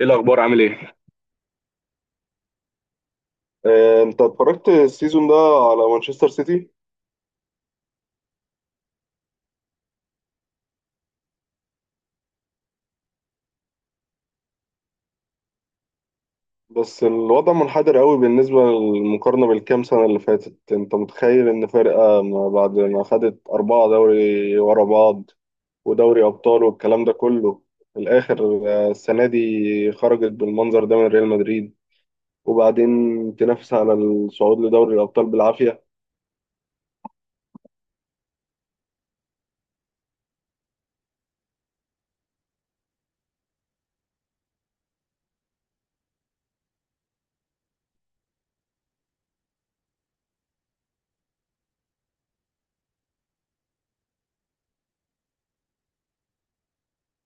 ايه الاخبار عامل ايه؟ انت اتفرجت السيزون ده على مانشستر سيتي؟ بس الوضع منحدر قوي بالنسبة للمقارنة بالكام سنة اللي فاتت. انت متخيل ان فرقة ما بعد ما خدت أربعة دوري ورا بعض ودوري أبطال والكلام ده كله، في الآخر السنة دي خرجت بالمنظر ده من ريال مدريد، وبعدين تنافس على الصعود لدوري الأبطال بالعافية.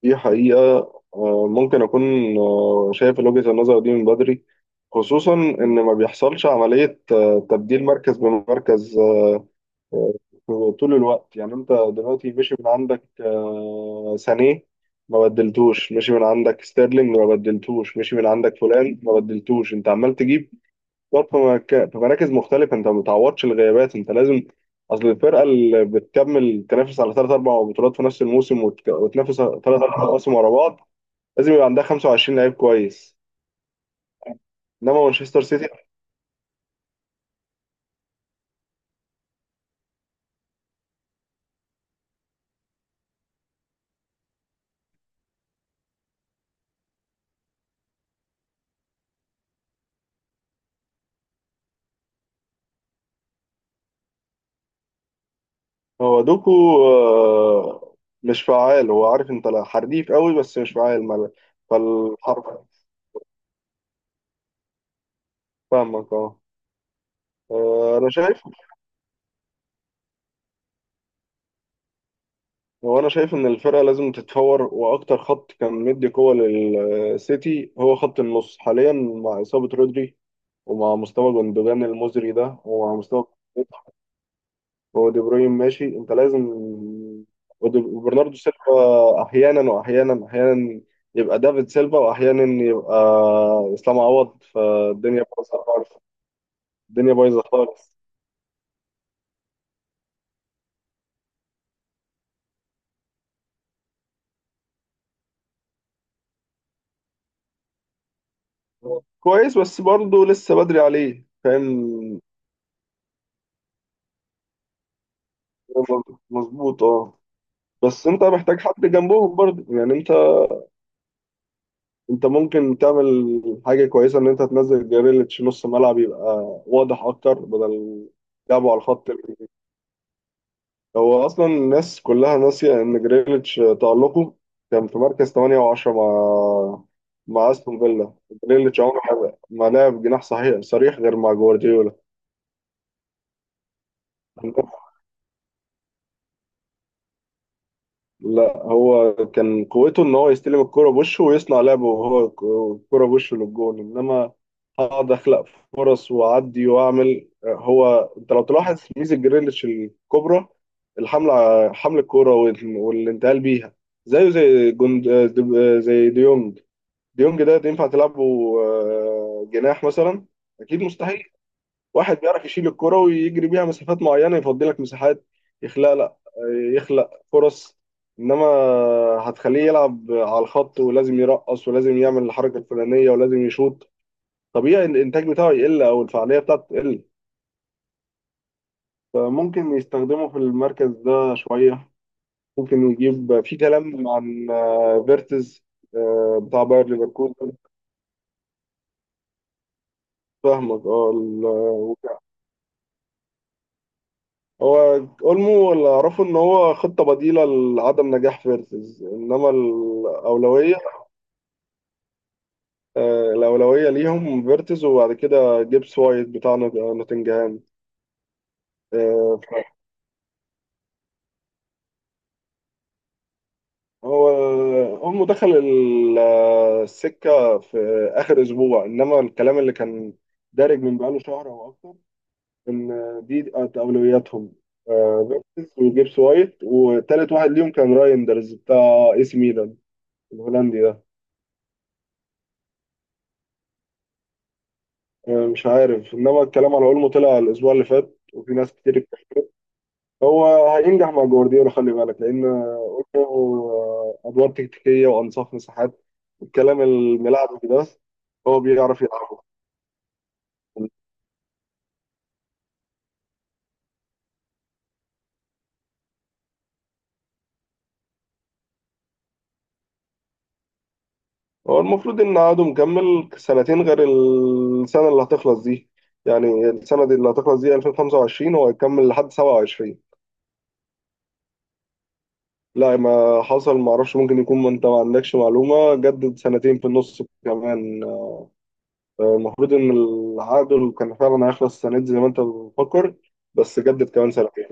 دي حقيقة. ممكن أكون شايف وجهة النظر دي من بدري. خصوصا إن ما بيحصلش عملية تبديل مركز بمركز آه، طول الوقت. يعني أنت دلوقتي مشي من عندك سانيه ما بدلتوش، مشي من عندك ستيرلينج ما بدلتوش، مشي من عندك فلان ما بدلتوش، أنت عمال تجيب برضه في مراكز مختلفة. أنت ما بتعوضش الغيابات. أنت لازم، أصل الفرقة اللي بتكمل تنافس على ثلاث أربع بطولات في نفس الموسم، وتنافس ثلاث أربع مواسم ورا بعض، لازم يبقى عندها 25 لعيب كويس. انما مانشستر سيتي، هو دوكو آه، مش فعال. هو عارف انت، لا حريف قوي بس مش فعال مال. فالحرف، فاهمك اه. انا شايف، هو انا شايف ان الفرقه لازم تتفور. واكتر خط كان مدي قوه للسيتي هو خط النص. حاليا مع اصابه رودري ومع مستوى جندوجان المزري ده ومع مستوى، هو دي بروين ماشي انت لازم، وبرناردو سيلفا احيانا واحيانا احيانا يبقى دافيد سيلفا واحيانا يبقى اسلام عوض، فالدنيا بايظه خالص. الدنيا بايظه خالص. كويس بس برضه لسه بدري عليه، فاهم؟ مظبوط اه. بس انت محتاج حد جنبهم برضه، يعني انت، انت ممكن تعمل حاجه كويسه ان انت تنزل جريليتش نص ملعب، يبقى واضح اكتر بدل لعبه على الخط. هو اصلا الناس كلها ناسيه ان جريليتش تالقه كان في مركز 8 و10 مع مع استون فيلا. جريليتش عمره ما لعب جناح صحيح صريح غير مع جوارديولا. لا هو كان قوته ان هو يستلم الكرة بوشه ويصنع لعبه، وهو الكرة بوشه للجون، انما هقعد اخلق فرص واعدي واعمل. هو انت لو تلاحظ ميزة جريليتش الكبرى الحملة، حمل الكرة والانتقال بيها. زيه زي جند، زي ديونج. ديونج ده ينفع تلعبه جناح مثلا؟ اكيد مستحيل. واحد بيعرف يشيل الكرة ويجري بيها مسافات معينة، يفضي لك مساحات، يخلق، لا يخلق فرص. انما هتخليه يلعب على الخط ولازم يرقص ولازم يعمل الحركة الفلانية ولازم يشوط، طبيعي الانتاج بتاعه يقل او الفعالية بتاعته تقل. فممكن يستخدمه في المركز ده شوية. ممكن يجيب في كلام عن فيرتز بتاع باير ليفركوزن. فاهمك اه. هو اولمو اللي اعرفه ان هو خطه بديله لعدم نجاح فيرتز، انما الاولويه، الاولويه ليهم فيرتز وبعد كده جيبس وايت بتاع نوتنجهام. آه، ف- هو اولمو دخل السكه في اخر اسبوع، انما الكلام اللي كان دارج من بقاله شهر او اكتر ان دي كانت اولوياتهم. آه، فيرتز وجيبس وايت وتالت واحد ليهم كان رايندرز بتاع اي سي ميلان، الهولندي ده. مش عارف. انما الكلام على اولمو طلع الاسبوع اللي فات وفي ناس كتير اتكلمت. هو هينجح مع جوارديولا، خلي بالك، لان اولمو ادوار تكتيكيه وانصاف مساحات، الكلام الملعب ده بس هو بيعرف يلعبه. هو المفروض ان عقده مكمل سنتين غير السنه اللي هتخلص دي. يعني السنه دي اللي هتخلص دي 2025، هو هيكمل لحد 27. لا ما حصل، ما اعرفش ممكن يكون، ما انت ما عندكش معلومه، جدد سنتين في النص كمان. المفروض إن العقد اللي كان فعلا هيخلص السنة دي زي ما أنت بتفكر، بس جدد كمان سنتين.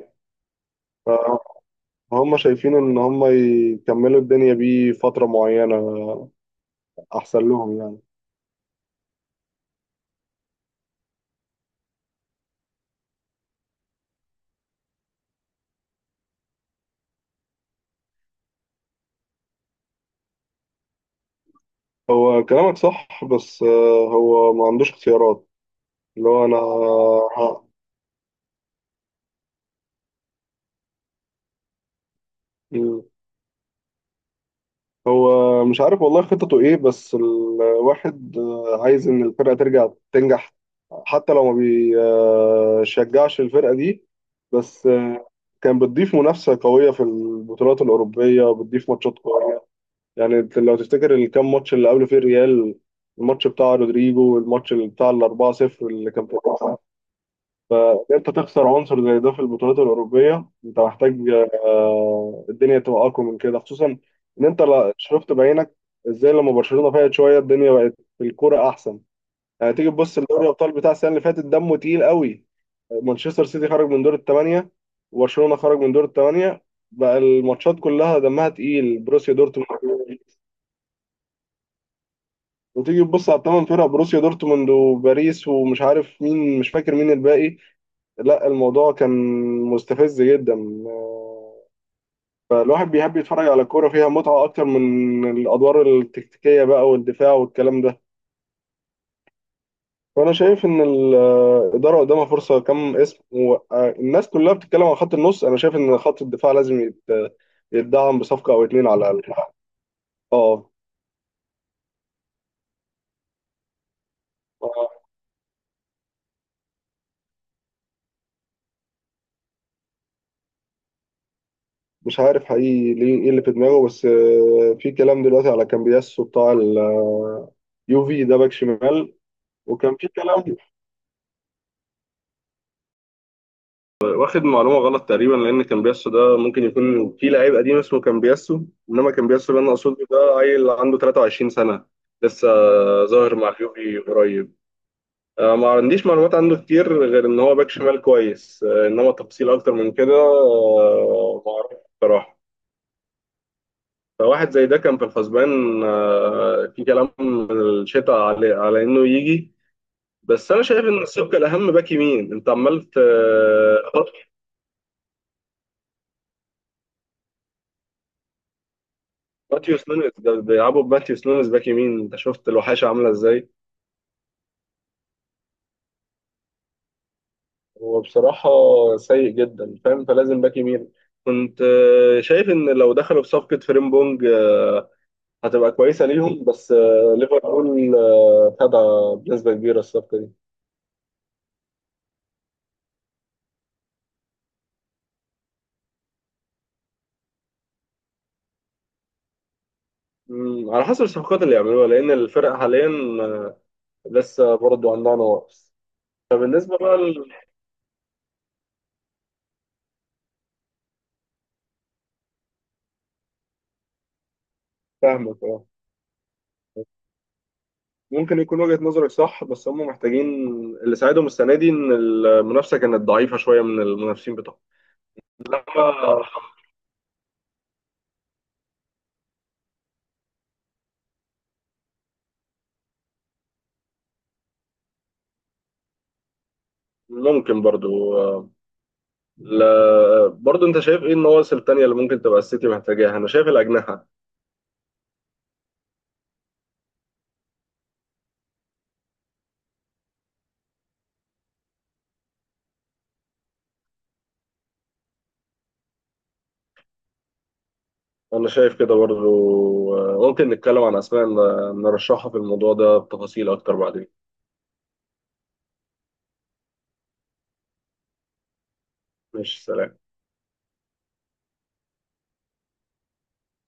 فهم شايفين إن هم يكملوا الدنيا بيه فترة معينة أحسن لهم، يعني. هو كلامك صح، بس هو ما عندوش اختيارات. اللي هو، أنا، هو مش عارف والله خططه ايه، بس الواحد عايز ان الفرقة ترجع تنجح، حتى لو ما بيشجعش الفرقة دي. بس كان بتضيف منافسة قوية في البطولات الأوروبية، بتضيف ماتشات قوية. يعني انت لو تفتكر الكام ماتش اللي قبل فيه الريال، الماتش بتاع رودريجو والماتش اللي بتاع الأربعة صفر اللي كان في، فإن انت تخسر عنصر زي ده في البطولات الاوروبيه، انت محتاج الدنيا تبقى اقوى من كده. خصوصا ان انت شفت بعينك ازاي لما برشلونه فاقت شويه، الدنيا بقت في الكوره احسن. يعني تيجي تبص لدوري الابطال بتاع السنه اللي فاتت، دمه تقيل قوي. مانشستر سيتي خرج من دور الثمانيه، وبرشلونه خرج من دور الثمانيه، بقى الماتشات كلها دمها تقيل، بروسيا دورتموند. وتيجي تبص على الثمان فرق، بروسيا دورتموند وباريس ومش عارف مين، مش فاكر مين الباقي. لا الموضوع كان مستفز جدا. فالواحد بيحب يتفرج على كورة فيها متعة أكتر من الأدوار التكتيكية بقى والدفاع والكلام ده. فأنا شايف إن الإدارة قدامها فرصة كم اسم، والناس كلها بتتكلم عن خط النص. أنا شايف إن خط الدفاع لازم يتدعم بصفقة أو اتنين على الأقل. أه. مش عارف حقيقي ليه ايه اللي في دماغه، بس في كلام دلوقتي على كامبياسو بتاع اليوفي ده، باك شمال. وكان في كلام، واخد معلومه غلط تقريبا، لان كامبياسو ده ممكن يكون في لعيب قديم اسمه كامبياسو، انما كامبياسو اللي انا اقصده ده عيل عنده 23 سنه لسه، ظاهر مع اليوفي قريب. ما عنديش معلومات عنه كتير غير ان هو باك شمال كويس. انما تفصيل اكتر من كده ما اعرفش بصراحه. فواحد زي ده كان في الحسبان. في كلام من الشتاء على انه يجي. بس انا شايف ان الصفقه الاهم باك يمين. انت عمال ماتيوس نونيز، ده بيلعبوا بماتيوس نونيز باك يمين. انت شفت الوحاشه عامله ازاي؟ هو بصراحه سيء جدا، فاهم؟ فلازم باك يمين. كنت شايف ان لو دخلوا بصفقه فريمبونج هتبقى كويسه ليهم، بس ليفربول خدها بنسبه كبيره الصفقه دي. مم، على حسب الصفقات اللي يعملوها، لان الفرق حاليا لسه برضه عندها نواقص. فبالنسبة بقى، لفهمك اه. ممكن يكون وجهة نظرك صح، بس هم محتاجين، اللي ساعدهم السنة دي إن المنافسة كانت ضعيفة شوية من المنافسين بتوعهم. لما ممكن برضو لا، برضو انت شايف ايه النواقص التانية اللي ممكن تبقى السيتي محتاجاها؟ انا شايف الأجنحة. انا شايف كده برضو. ممكن نتكلم عن اسماء نرشحها في الموضوع ده بتفاصيل اكتر بعدين. ماشي، سلام.